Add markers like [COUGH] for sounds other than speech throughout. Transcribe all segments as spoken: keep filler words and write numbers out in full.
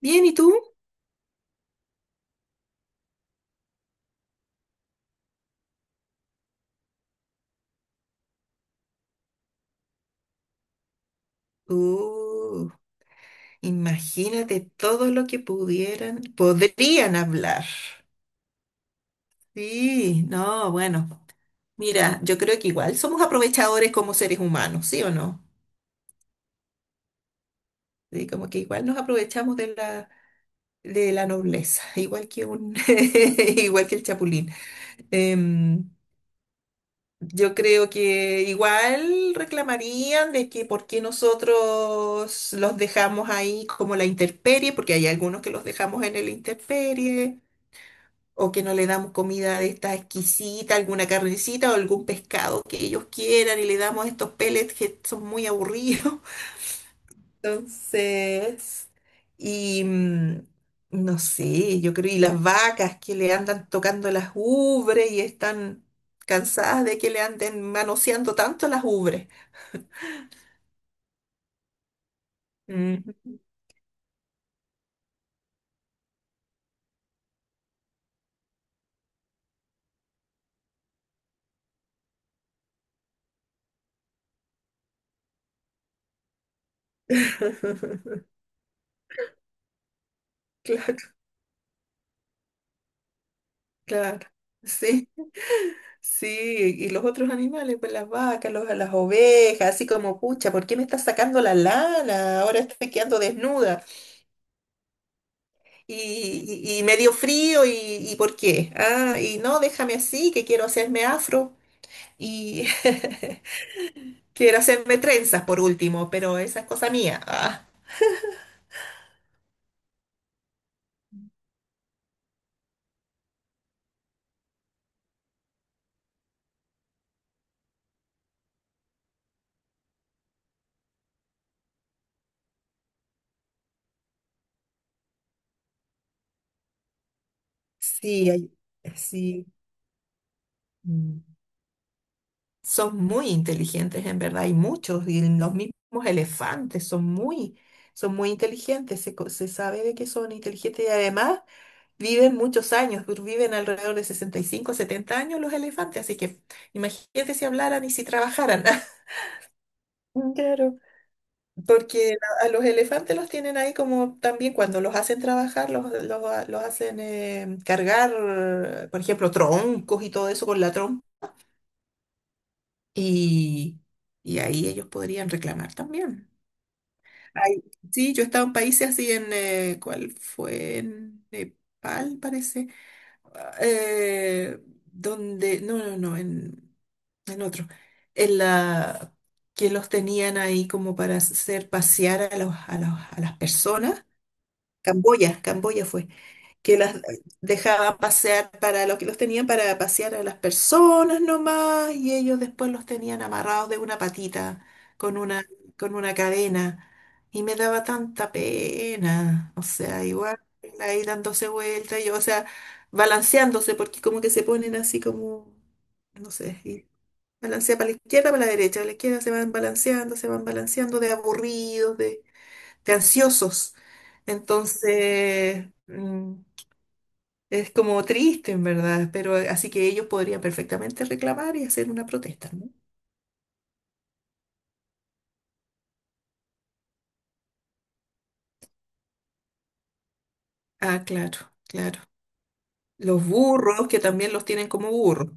Bien, ¿y tú? Uh, imagínate todo lo que pudieran, podrían hablar. Sí, no, bueno. Mira, yo creo que igual somos aprovechadores como seres humanos, ¿sí o no? Sí, como que igual nos aprovechamos de la, de la nobleza, [LAUGHS] igual que un, [LAUGHS] igual que el chapulín. Em, Yo creo que igual reclamarían de que por qué nosotros los dejamos ahí como la intemperie, porque hay algunos que los dejamos en el intemperie, o que no le damos comida de esta exquisita, alguna carnecita o algún pescado que ellos quieran y le damos estos pellets que son muy aburridos. Entonces, y mm, no sé, yo creo, y las vacas que le andan tocando las ubres y están cansadas de que le anden manoseando tanto las ubres. Mm, [LAUGHS] claro, claro. Sí, sí, y los otros animales, pues las vacas, los- las ovejas, así como, pucha, ¿por qué me estás sacando la lana? Ahora estoy quedando desnuda y, y, y me dio frío y, y ¿por qué? Ah, y no, déjame así, que quiero hacerme afro. Y [LAUGHS] quiero hacerme trenzas por último, pero esa es cosa mía. Ah, sí, hay- sí. Mm. Son muy inteligentes, en verdad, hay muchos, y los mismos elefantes son muy, son muy inteligentes, se, co- se sabe de que son inteligentes y además viven muchos años, dur- viven alrededor de sesenta y cinco, setenta años los elefantes, así que imagínate si hablaran y si trabajaran. [LAUGHS] Claro. Porque a a los elefantes los tienen ahí como también cuando los hacen trabajar, los, los, los hacen eh, cargar, eh, por ejemplo, troncos y todo eso con la trompa. Y, y ahí ellos podrían reclamar también. Ay, sí, yo he estado en países así en, eh, ¿cuál fue? En Nepal, parece. Ah, eh, donde, no, no, no, en, en otro. En la, que los tenían ahí como para hacer pasear a los, a los- a las personas. Camboya, Camboya fue, que las dejaban pasear para los que los tenían para pasear a las personas nomás y ellos después los tenían amarrados de una patita con una, con una cadena y me daba tanta pena, o sea, igual ahí dándose vuelta, yo, o sea, balanceándose porque como que se ponen así como, no sé, y balancea para la izquierda, para la derecha, a la izquierda se van balanceando, se van balanceando de aburridos, de de ansiosos. Entonces, mm, es como triste, en verdad, pero eh, así que ellos podrían perfectamente reclamar y hacer una protesta, ¿no? Ah, claro, claro. Los burros, que también los tienen como burros.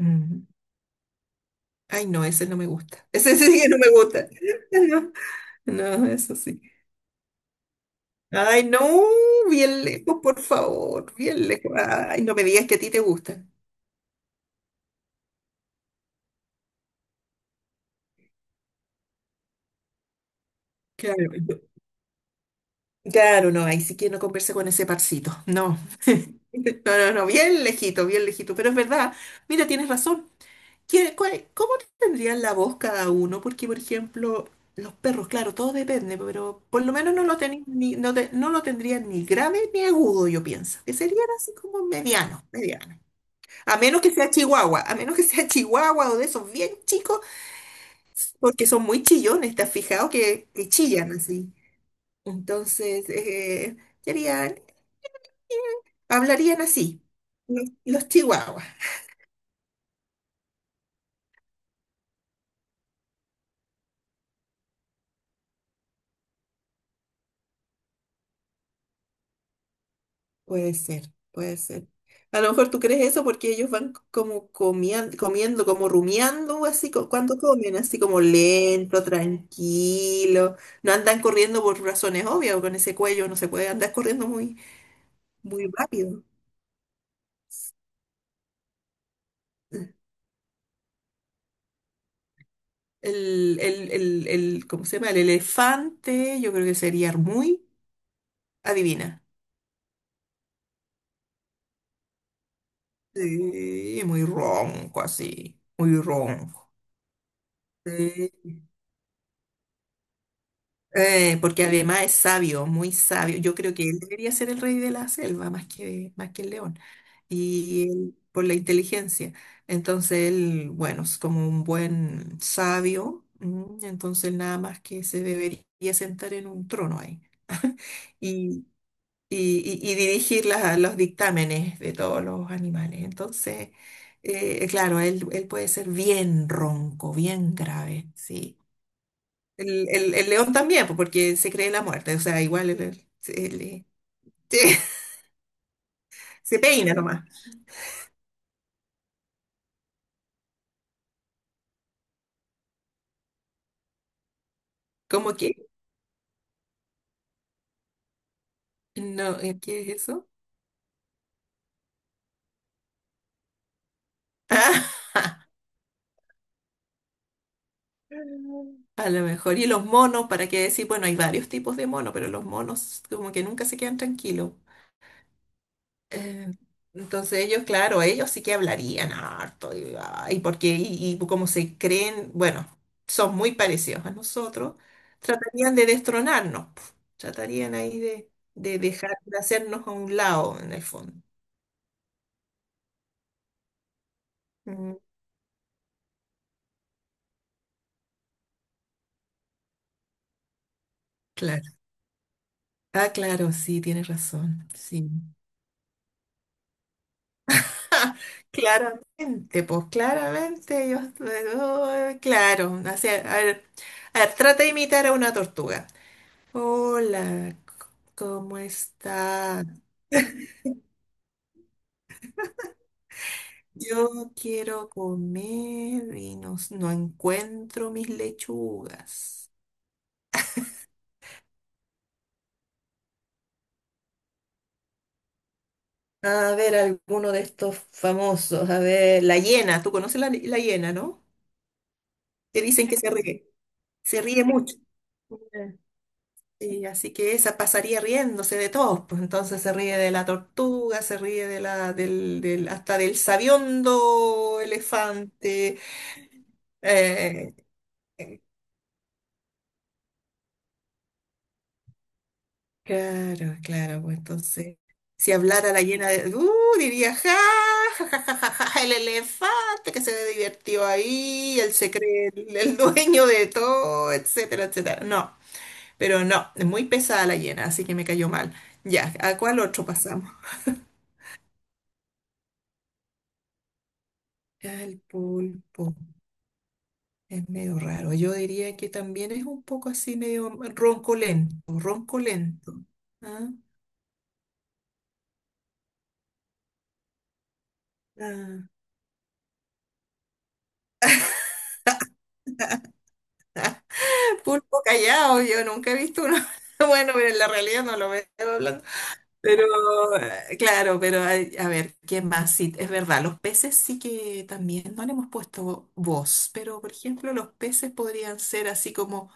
Mm. Ay, no, ese no me gusta. [LAUGHS] Ese sí que no me gusta. [LAUGHS] No, no, eso sí. Ay, no, bien lejos, por favor, bien lejos. Ay, no me digas que a ti te gusta. Claro. Claro, no, ahí sí que no conversa con ese parcito, no. [LAUGHS] No, no, no, bien lejito, bien lejito, pero es verdad, mira, tienes razón. ¿Qué- cuál- cómo tendrían la voz cada uno? Porque, por ejemplo, los perros, claro, todo depende, pero por lo menos no lo, tenéis ni, no, te- no lo tendrían ni grave ni agudo, yo pienso, que serían así como medianos, medianos. A menos que sea chihuahua, a menos que sea chihuahua o de esos bien chicos, porque son muy chillones, ¿te has fijado que, que chillan así? Entonces, eh, sería. Hablarían así, los, los chihuahuas. Puede ser, puede ser. A lo mejor tú crees eso porque ellos van como comian- comiendo, como rumiando, así co- cuando comen, así como lento, tranquilo. No andan corriendo por razones obvias, con ese cuello no se puede andar corriendo muy, muy rápido. El, el, el, el, ¿cómo se llama? El elefante, yo creo que sería muy, adivina. Sí, muy ronco así, muy ronco. Sí. Eh, porque además es sabio, muy sabio. Yo creo que él debería ser el rey de la selva más que, más que el león. Y él, por la inteligencia. Entonces él, bueno, es como un buen sabio. mm, Entonces nada más que se debería sentar en un trono ahí. Y, y, y- y dirigir la- los dictámenes de todos los animales. Entonces, eh, claro, él, él puede ser bien ronco, bien grave, sí. El, el- el león también, pues, porque se cree la muerte, o sea, igual el- el- se, le- [LAUGHS] se- se peina nomás. ¿Cómo que? No, eh, ¿qué es eso? [LAUGHS] A lo mejor. Y los monos, ¿para qué decir? Bueno, hay varios tipos de monos, pero los monos como que nunca se quedan tranquilos. Eh, Entonces ellos, claro, ellos sí que hablarían harto y, ay, porque y, y como se creen, bueno, son muy parecidos a nosotros, tratarían de destronarnos, pf, tratarían ahí de, de dejar de hacernos a un lado en el fondo. Mm, claro. Ah, claro, sí, tienes razón, sí. [LAUGHS] Claramente, pues claramente ellos, eh, oh, claro, o sea, a ver, a ver, trata de imitar a una tortuga. Hola, c- ¿cómo está? Yo quiero comer y no, s- no encuentro mis lechugas. A ver, alguno de estos famosos. A ver, la hiena, tú conoces la, la hiena, ¿no? Te dicen que se ríe, se ríe mucho. Sí, así que esa pasaría riéndose de todos, pues entonces se ríe de la tortuga, se ríe de la, del, del- hasta del sabiondo elefante. eh, Claro, claro, pues entonces, si hablara la llena de, uh, diría, ja, ja, ja, ja, ja, ja, el elefante que se divirtió ahí, él se cree el, el dueño de todo, etcétera, etcétera. No, pero no, es muy pesada la llena, así que me cayó mal. Ya, ¿a cuál otro pasamos? Ya, el pulpo, es medio raro. Yo diría que también es un poco así, medio roncolento, roncolento. Ah, ¿ah? Pulpo callado, yo nunca he visto uno. [LAUGHS] Bueno, pero en la realidad no lo veo hablando. Pero eh, claro, pero hay- a ver, ¿quién más? Sí, es verdad, los peces sí que también no le hemos puesto voz, pero por ejemplo, los peces podrían ser así como,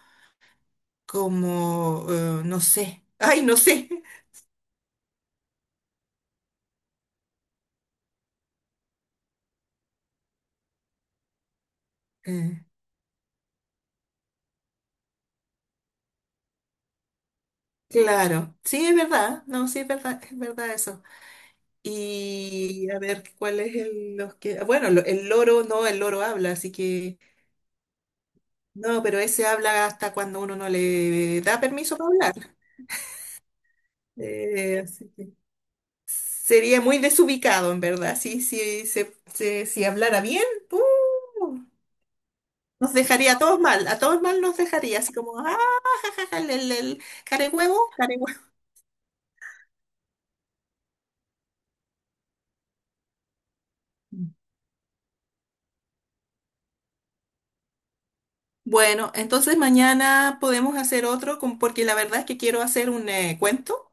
como, eh, no sé, [LAUGHS] ay, no sé. Eh, claro, sí, es verdad, no, sí, es verdad, es verdad eso. Y a ver, ¿cuál es el, los que, bueno, lo- el loro, no, el loro habla, así que. No, pero ese habla hasta cuando uno no le da permiso para hablar. Eh, así que sería muy desubicado, en verdad. Sí, sí, se, se- si hablara bien, ¡uh! Nos dejaría a todos mal, a todos mal nos dejaría, así como, ah, jajaja, el, el, el care huevo, care huevo". Bueno, entonces mañana podemos hacer otro, con- porque la verdad es que quiero hacer un eh, cuento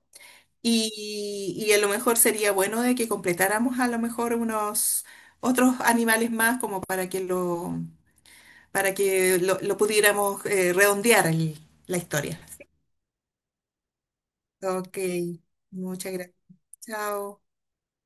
y, y a lo mejor sería bueno de que completáramos a lo mejor unos otros animales más como para que lo para que lo, lo pudiéramos eh, redondear el- la historia. Ok, muchas gracias. Chao.